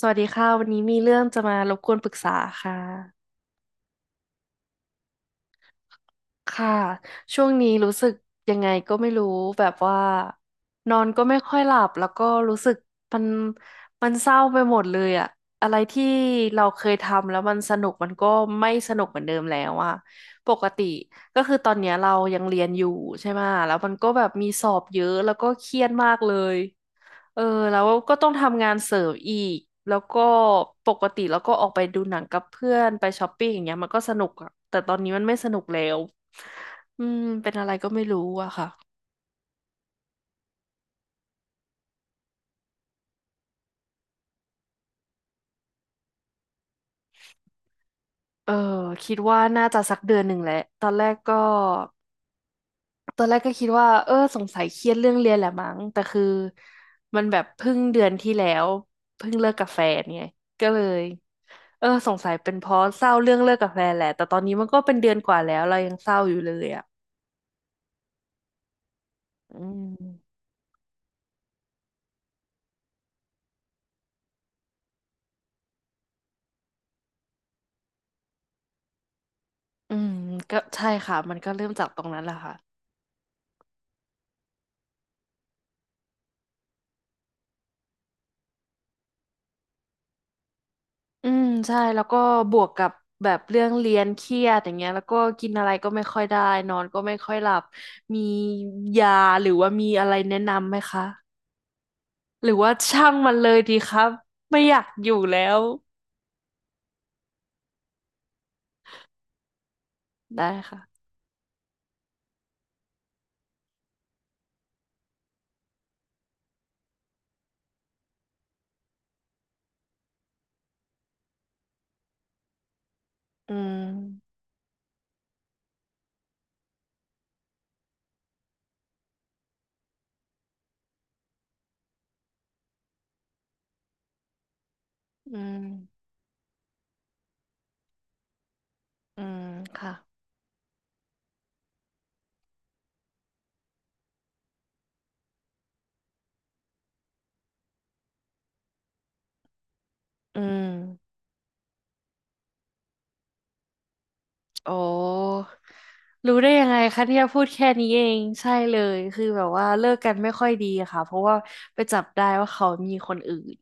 สวัสดีค่ะวันนี้มีเรื่องจะมารบกวนปรึกษาค่ะค่ะช่วงนี้รู้สึกยังไงก็ไม่รู้แบบว่านอนก็ไม่ค่อยหลับแล้วก็รู้สึกมันมันเศร้าไปหมดเลยอะอะไรที่เราเคยทำแล้วมันสนุกมันก็ไม่สนุกเหมือนเดิมแล้วอะปกติก็คือตอนเนี้ยเรายังเรียนอยู่ใช่ไหมะแล้วมันก็แบบมีสอบเยอะแล้วก็เครียดมากเลย เออแล้วก็ต้องทำงานเสริมอีกแล้วก็ปกติแล้วก็ออกไปดูหนังกับเพื่อนไปช้อปปิ้งอย่างเงี้ยมันก็สนุกอะแต่ตอนนี้มันไม่สนุกแล้วอืมเป็นอะไรก็ไม่รู้อะค่ะเออคิดว่าน่าจะสักเดือนหนึ่งแหละตอนแรกก็คิดว่าเออสงสัยเครียดเรื่องเรียนแหละมั้งแต่คือมันแบบเพิ่งเดือนที่แล้วเพิ่งเลิกกับแฟนไงก็เลยเออสงสัยเป็นเพราะเศร้าเรื่องเลิกกับแฟนแหละแต่ตอนนี้มันก็เป็นเดือนกว่าแล้วเรายังเศร้าอยู่เลยอะ อืมอืมก็ใช่ค่ะมันก็เริ่มจากตรงนั้นแหละค่ะอืมใช่แล้วก็บวกกับแบบเรื่องเรียนเครียดอย่างเงี้ยแล้วก็กินอะไรก็ไม่ค่อยได้นอนก็ไม่ค่อยหลับมียาหรือว่ามีอะไรแนะนำไหมคะหรือว่าช่างมันเลยดีครับไม่อยากอยู่แล้วได้ค่ะอืมอืมอืมค่ะอืม โอ้รู้ได้ยังไงคะเนี่ยพูดแค่นี้เองใช่เลยคือแบบว่าเลิกกันไม่ค่อยดีอะค่ะเพราะว่าไปจับได้ว่าเขามีคนอื่น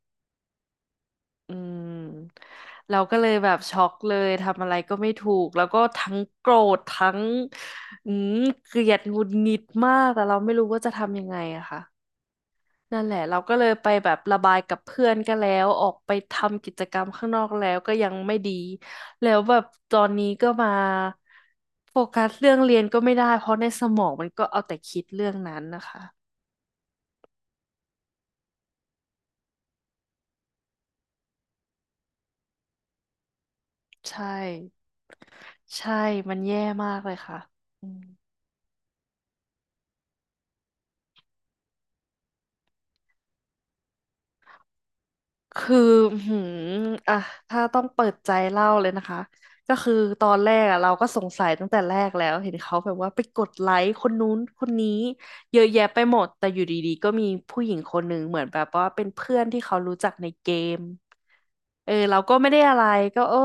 อืมเราก็เลยแบบช็อกเลยทำอะไรก็ไม่ถูกแล้วก็ทั้งโกรธทั้งอืมเกลียดหงุดหงิดมากแต่เราไม่รู้ว่าจะทำยังไงอะค่ะ นั่นแหละเราก็เลยไปแบบระบายกับเพื่อนก็แล้วออกไปทำกิจกรรมข้างนอกแล้วก็ยังไม่ดีแล้วแบบตอนนี้ก็มาโฟกัสเรื่องเรียนก็ไม่ได้เพราะในสมองมันก็เอาแต่คิดเรื่องนั้นนะคะใช่ใช่มันแย่มากเลยค่ะอืม คือหืมอ่ะถ้าต้องเปิดใจเล่าเลยนะคะก็คือตอนแรกอะเราก็สงสัยตั้งแต่แรกแล้วเห็นเขาแบบว่าไปกดไลค์คนนู้นคนนี้เยอะแยะไปหมดแต่อยู่ดีๆก็มีผู้หญิงคนหนึ่งเหมือนแบบว่าเป็นเพื่อนที่เขารู้จักในเกมเออเราก็ไม่ได้อะไรก็เออ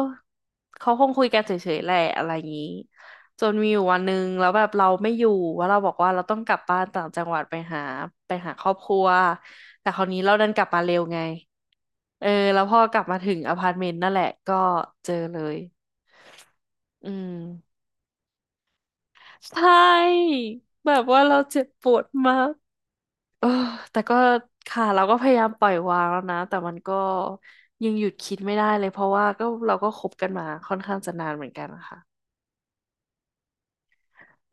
เขาคงคุยกันเฉยๆแหละอะไรอย่างนี้จนมีอยู่วันหนึ่งแล้วแบบเราไม่อยู่ว่าเราบอกว่าเราต้องกลับบ้านต่างจังหวัดไปหาครอบครัวแต่คราวนี้เราดันกลับมาเร็วไง เออแล้วพอกลับมาถึงอพาร์ตเมนต์นั่นแหละก็เจอเลยอืมใช่แบบว่าเราเจ็บปวดมากเออแต่ก็ค่ะเราก็พยายามปล่อยวางแล้วนะแต่มันก็ยังหยุดคิดไม่ได้เลยเพราะว่าก็เราก็คบกันมาค่อนข้างจะนานเหมือนกันนะคะ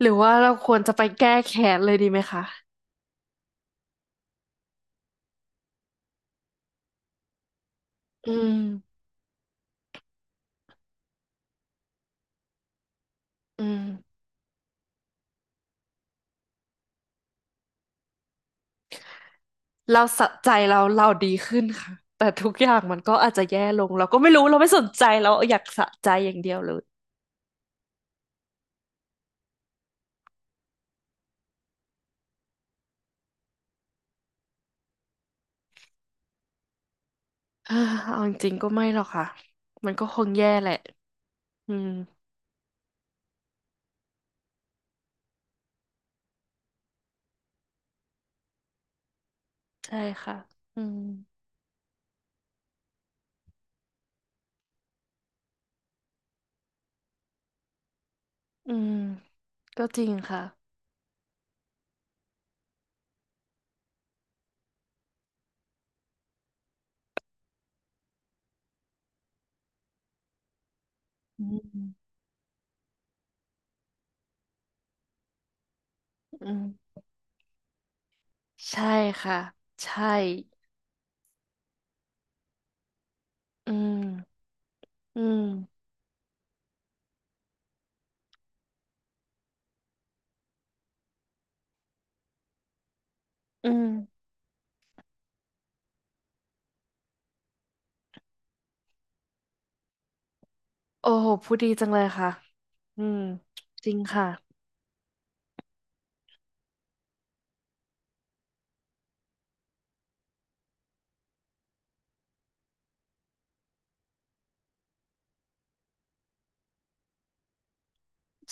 หรือว่าเราควรจะไปแก้แค้นเลยดีไหมคะอืมอืมเราสะใจเราดีขึ้นค่ะแต่ทุกอย่างมันก็อาจจะแย่ลงเราก็ไม่รู้เราไม่สนใจเราอยากสะใจอย่างเดียวเลย เออเอาจริงๆก็ไม่หรอกค่ะมันก็คงแย่แหละอืมใช่ค่ะอืมอืมก็จริงค่ะอืมอืมใช่ค่ะใช่อืมอืมอืมโอ้โหพูดดีจังเลยค่ะอืมจริงค่ะ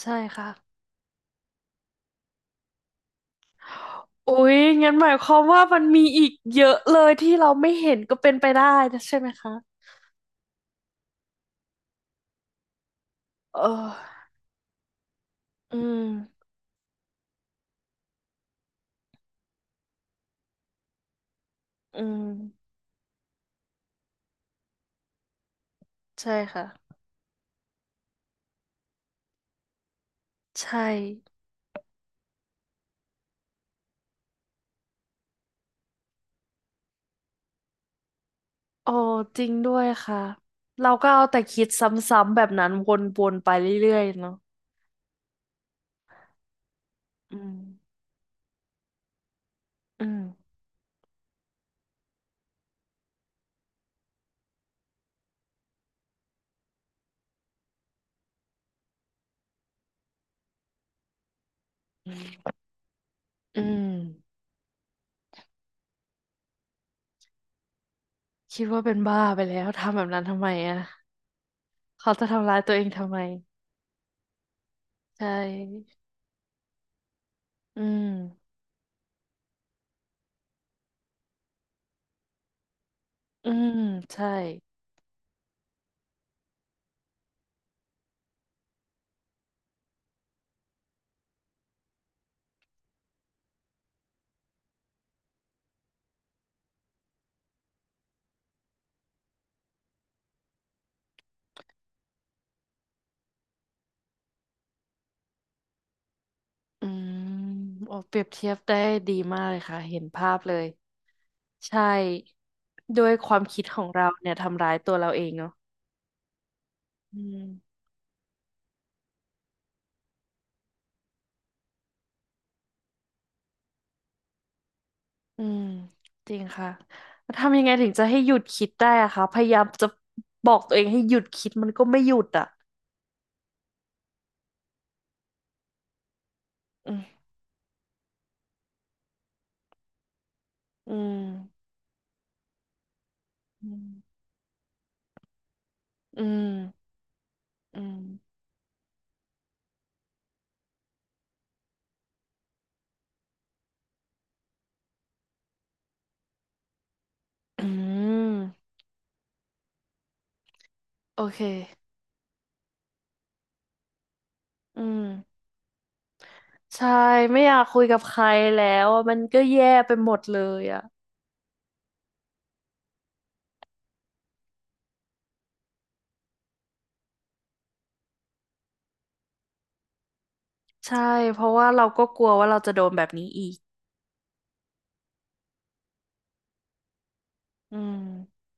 ใช่ค่ะอุ๊ยงั้นหมายความว่ามันมีอีกเยอะเลยที่เราไม่เห็นก็เป็นไปได้นะใช่ไหมคะเอออืมอืมใช่ค่ะใช่ โอ้จริงด้วยค่ะเราก็เอาแต่คิดซ้ำๆแบบนั้นวนๆไปเรื่อยๆเนาะอืมอืมอืมคิดว่าเป็นบ้าไปแล้วทำแบบนั้นทำไมอ่ะเขาจะทำร้ายตัวเองทำไมใช่อืมอืมใช่อืมโอ้เปรียบเทียบได้ดีมากเลยค่ะเห็นภาพเลยใช่ด้วยความคิดของเราเนี่ยทำร้ายตัวเราเองเนาะอืม อืมจริงค่ะแล้วทำยังไงถึงจะให้หยุดคิดได้อะคะพยายามจะบอกตัวเองให้หยุดคิดมันก็ไม่หยุดอะอืมอืมอืมอืมอืมอืมโอเคอืมใช่ไม่อยากคุยกับใครแล้วอะมันก็แย่ไปหมดเลยอะใช่เพราะว่าเราก็กลัวว่าเราจะโดนแบบนี้อีกอืม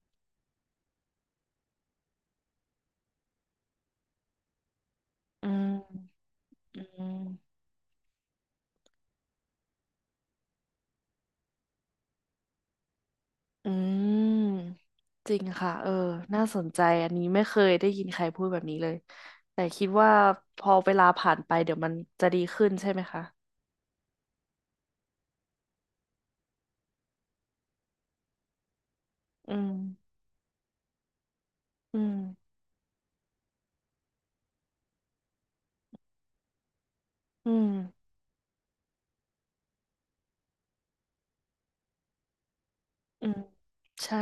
อืมอืม อืมจริงค่ะเออน่าสนใจอันนี้ไม่เคยได้ยินใครพูดแบบนี้เลยแต่คิดว่าพอเวลาผ่านไปเดี๋ยวมันจะดีขึ้นใช่ไหมคะอืมอืมอืมอืมใช่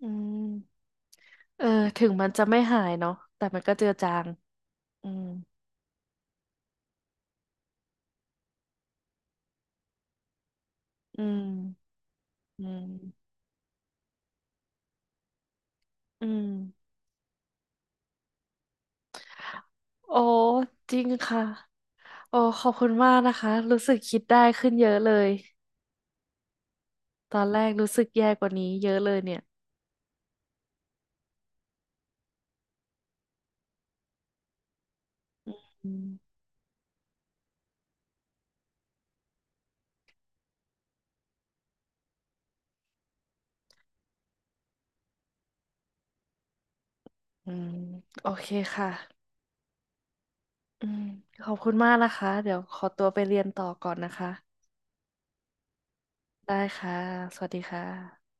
อืมเออถึงมันจะไม่หายเนาะแต่มันก็เจือจางอืมอืมอืมอืมโอ้จริงค่ะโอ้ขอบคุณมากนะคะรู้สึกคิดได้ขึ้นเยอะเลยตอนแรกรู้สึกแย่กว่านี้เยอะเลยเนี่ยอืม อืมโอเคค่ะอืมขอบคุณมากนะคะเดี๋ยวขอตัวไปเรียนต่อก่อนนะคะได้ค่ะสวัสดีค่ะ